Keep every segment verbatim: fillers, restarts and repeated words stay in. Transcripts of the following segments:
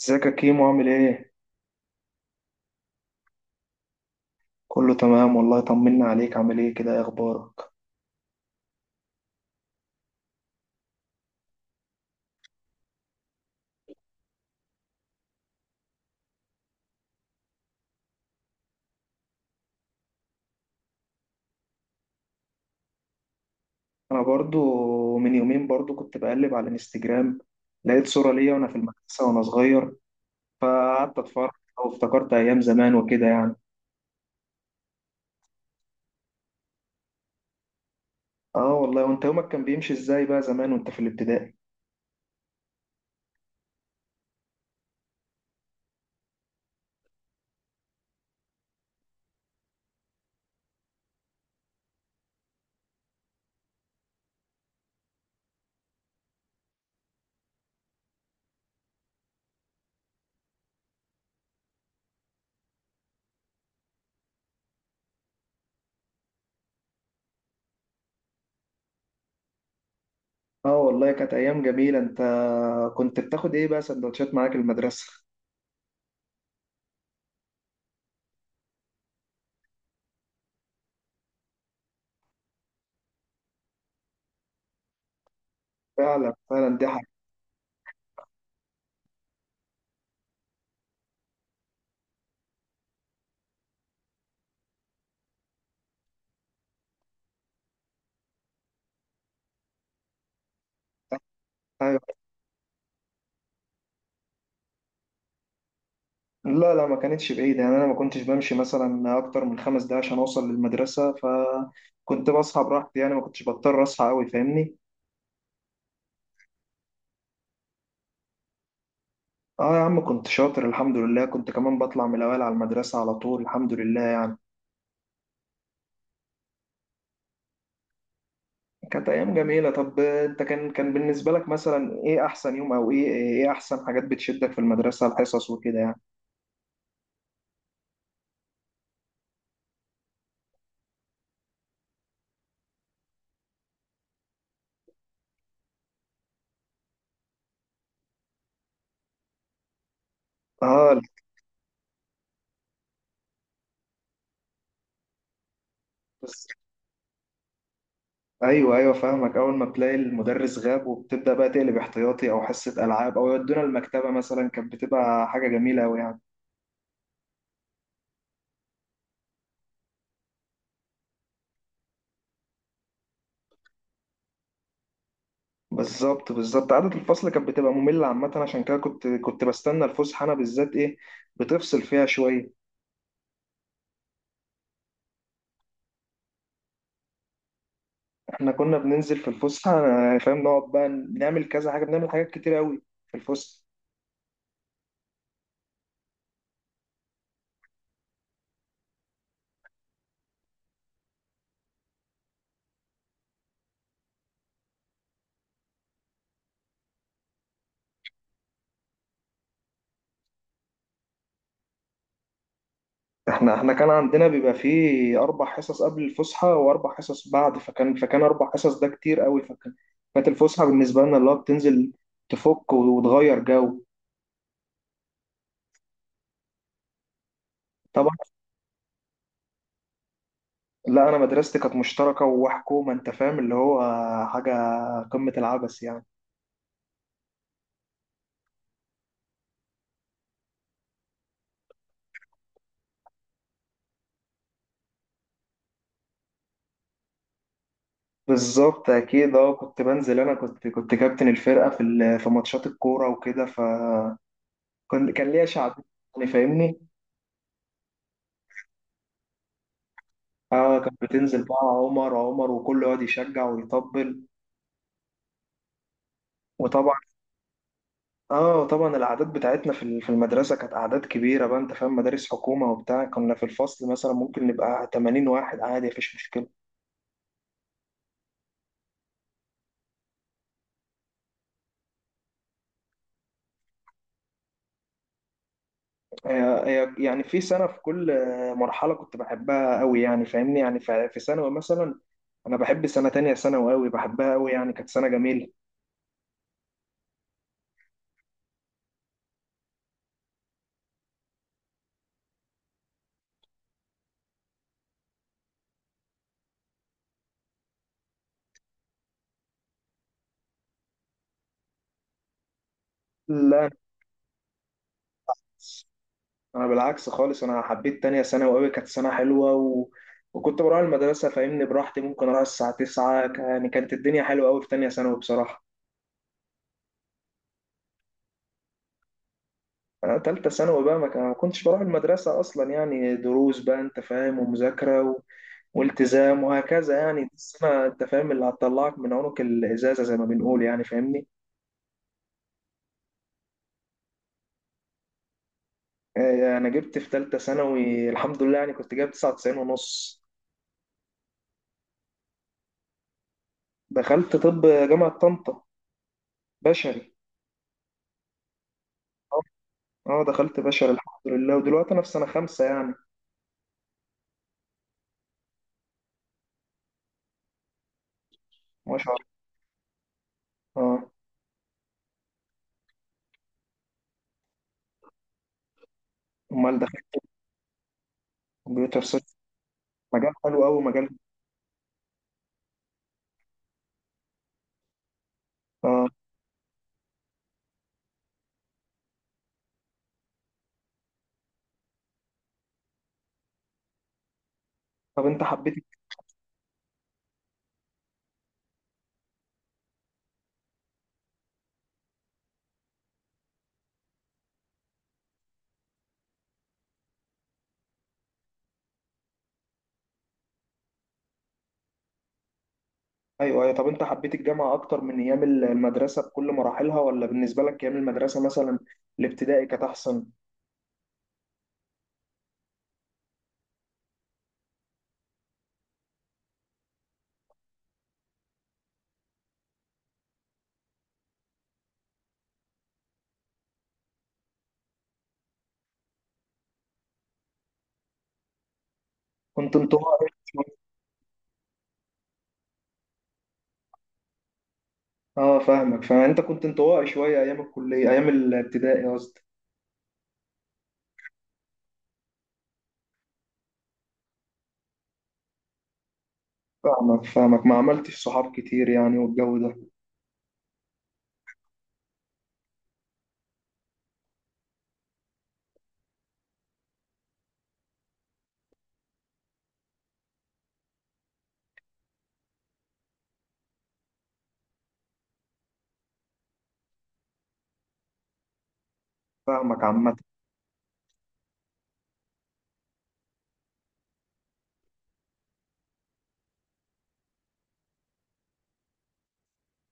ازيك يا كيمو، عامل ايه؟ كله تمام والله، طمنا عليك. عامل ايه كده، ايه اخبارك؟ انا برضو من يومين برضو كنت بقلب على الانستجرام، لقيت صورة ليا وانا في المدرسة وانا صغير، فقعدت اتفرج وافتكرت ايام زمان وكده يعني. اه والله، وانت يومك كان بيمشي ازاي بقى زمان وانت في الابتدائي؟ اه والله كانت ايام جميلة. انت كنت بتاخد ايه بقى سندوتشات معاك المدرسة؟ فعلا فعلا. دي حاجة. لا لا، ما كانتش بعيدة، يعني أنا ما كنتش بمشي مثلا أكتر من خمس دقايق عشان أوصل للمدرسة، فكنت بصحى براحتي يعني، ما كنتش بضطر أصحى أوي فاهمني. آه يا عم كنت شاطر الحمد لله، كنت كمان بطلع من الأوائل على المدرسة على طول الحمد لله. كانت أيام جميلة. طب أنت كان كان بالنسبة لك مثلا إيه أحسن يوم، أو إيه إيه أحسن حاجات بتشدك في المدرسة، الحصص وكده يعني؟ آه بس. ايوه ايوه، فاهمك. اول ما تلاقي المدرس غاب وبتبدا بقى تقلب احتياطي او حصه العاب او يودونا المكتبه مثلا، كانت بتبقى حاجه جميله قوي يعني. بالظبط بالظبط، قعدة الفصل كانت بتبقى مملة عامة، عشان كده كنت كنت بستنى الفسحة، أنا بالذات إيه، بتفصل فيها شوية. إحنا كنا بننزل في الفسحة، أنا فاهم، نقعد بقى بنعمل كذا حاجة، بنعمل حاجات كتير أوي في الفسحة. إحنا إحنا كان عندنا بيبقى فيه أربع حصص قبل الفسحة وأربع حصص بعد، فكان فكان أربع حصص ده كتير أوي، فكان كانت الفسحة بالنسبة لنا اللي هو بتنزل تفك وتغير جو. طبعا. لا أنا مدرستي كانت مشتركة وحكومة، أنت فاهم اللي هو حاجة، قمة العبث يعني. بالظبط اكيد. اه كنت بنزل، انا كنت كنت كابتن الفرقه في ال- في ماتشات الكوره وكده، فكان كان ليا شعبيه يعني فاهمني. اه كان بتنزل بقى عمر عمر وكله يقعد يشجع ويطبل. وطبعا اه طبعا الاعداد بتاعتنا في ال- في المدرسه كانت اعداد كبيره بقى، انت فاهم، مدارس حكومه وبتاع، كنا في الفصل مثلا ممكن نبقى ثمانين واحد عادي، مفيش مشكله. آه، آه، يعني في سنه في كل آه، مرحله كنت بحبها قوي يعني فاهمني. يعني في في ثانوي مثلا، انا بحب سنه تانية ثانوي قوي، بحبها قوي يعني، كانت سنه جميله. لا انا بالعكس خالص، انا حبيت تانية ثانوي قوي، كانت سنه حلوه و... وكنت بروح المدرسه فاهمني براحتي، ممكن اروح الساعه تسعة، ك- يعني كانت الدنيا حلوه قوي في تانية ثانوي بصراحه. انا تالتة ثانوي بقى ما ك- ما كنتش بروح المدرسه اصلا يعني، دروس بقى انت فاهم، ومذاكره و... والتزام وهكذا يعني. دي السنه انت فاهم اللي هتطلعك من عنق الازازه زي ما بنقول يعني فاهمني. آه، انا جبت في تالتة ثانوي الحمد لله، يعني كنت جايب تسعة وتسعين ونص. دخلت طب جامعة طنطا بشري. آه، اه دخلت بشري الحمد لله، ودلوقتي انا في سنة خمسة يعني. ما شاء الله. اه امال دخلت كمبيوتر ساينس، مجال حلو قوي مجال. اه طب انت حبيت. ايوه ايوه، طب انت حبيت الجامعة اكتر من ايام ال- المدرسة بكل مراحلها، ولا بالنسبة لك ايام المدرسة مثلا الابتدائي كانت احسن؟ كنت انطوائي شوية. اه فاهمك، فانت كنت انطوائي شوية ايام الكلية، ايام الابتدائي قصدي. فاهمك فاهمك، ما عملتش صحاب كتير يعني والجو ده. فاهمك عامة.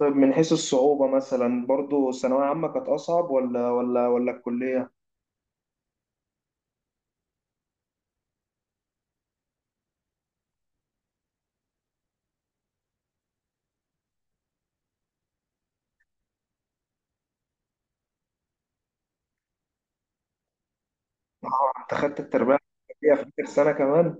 طيب من حيث الصعوبة مثلا برضو ثانوية عامة كانت أصعب ولا ولا ولا الكلية؟ آه، أنت خدت التربية العسكرية في آخر سنة كمان.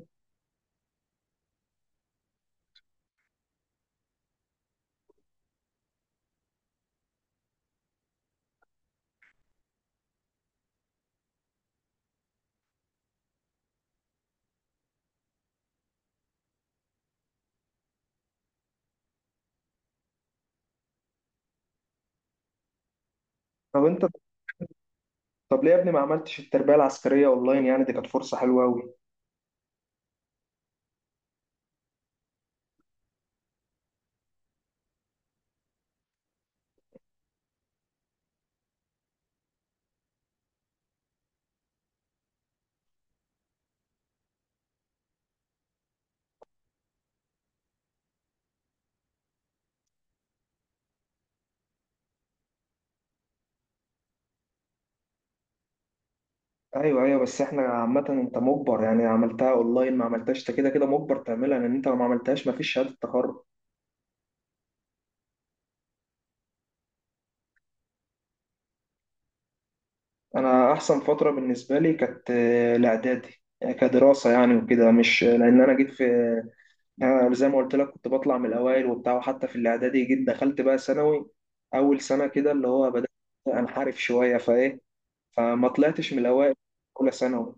طب أنت طب ليه يا ابني ما عملتش التربية العسكرية أونلاين؟ يعني دي كانت فرصة حلوة أوي. أيوه أيوه، بس إحنا عامة أنت مجبر، يعني عملتها أونلاين ما عملتهاش أنت كده كده مجبر تعملها، لأن أنت لو ما عملتهاش مفيش شهادة تخرج. أنا أحسن فترة بالنسبة لي كانت آه، الإعدادي يعني، كدراسة يعني وكده، مش لأن أنا جيت في، أنا زي ما قلت لك كنت بطلع من الأوائل وبتاع، وحتى في الإعدادي جيت دخلت بقى ثانوي أول سنة كده اللي هو بدأت أنحرف شوية، فإيه، فما طلعتش من الأوائل أولى ثانوي،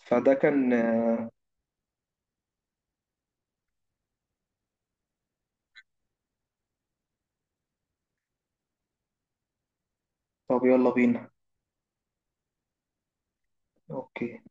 فده كان. آه، طب يلا بينا. أوكي.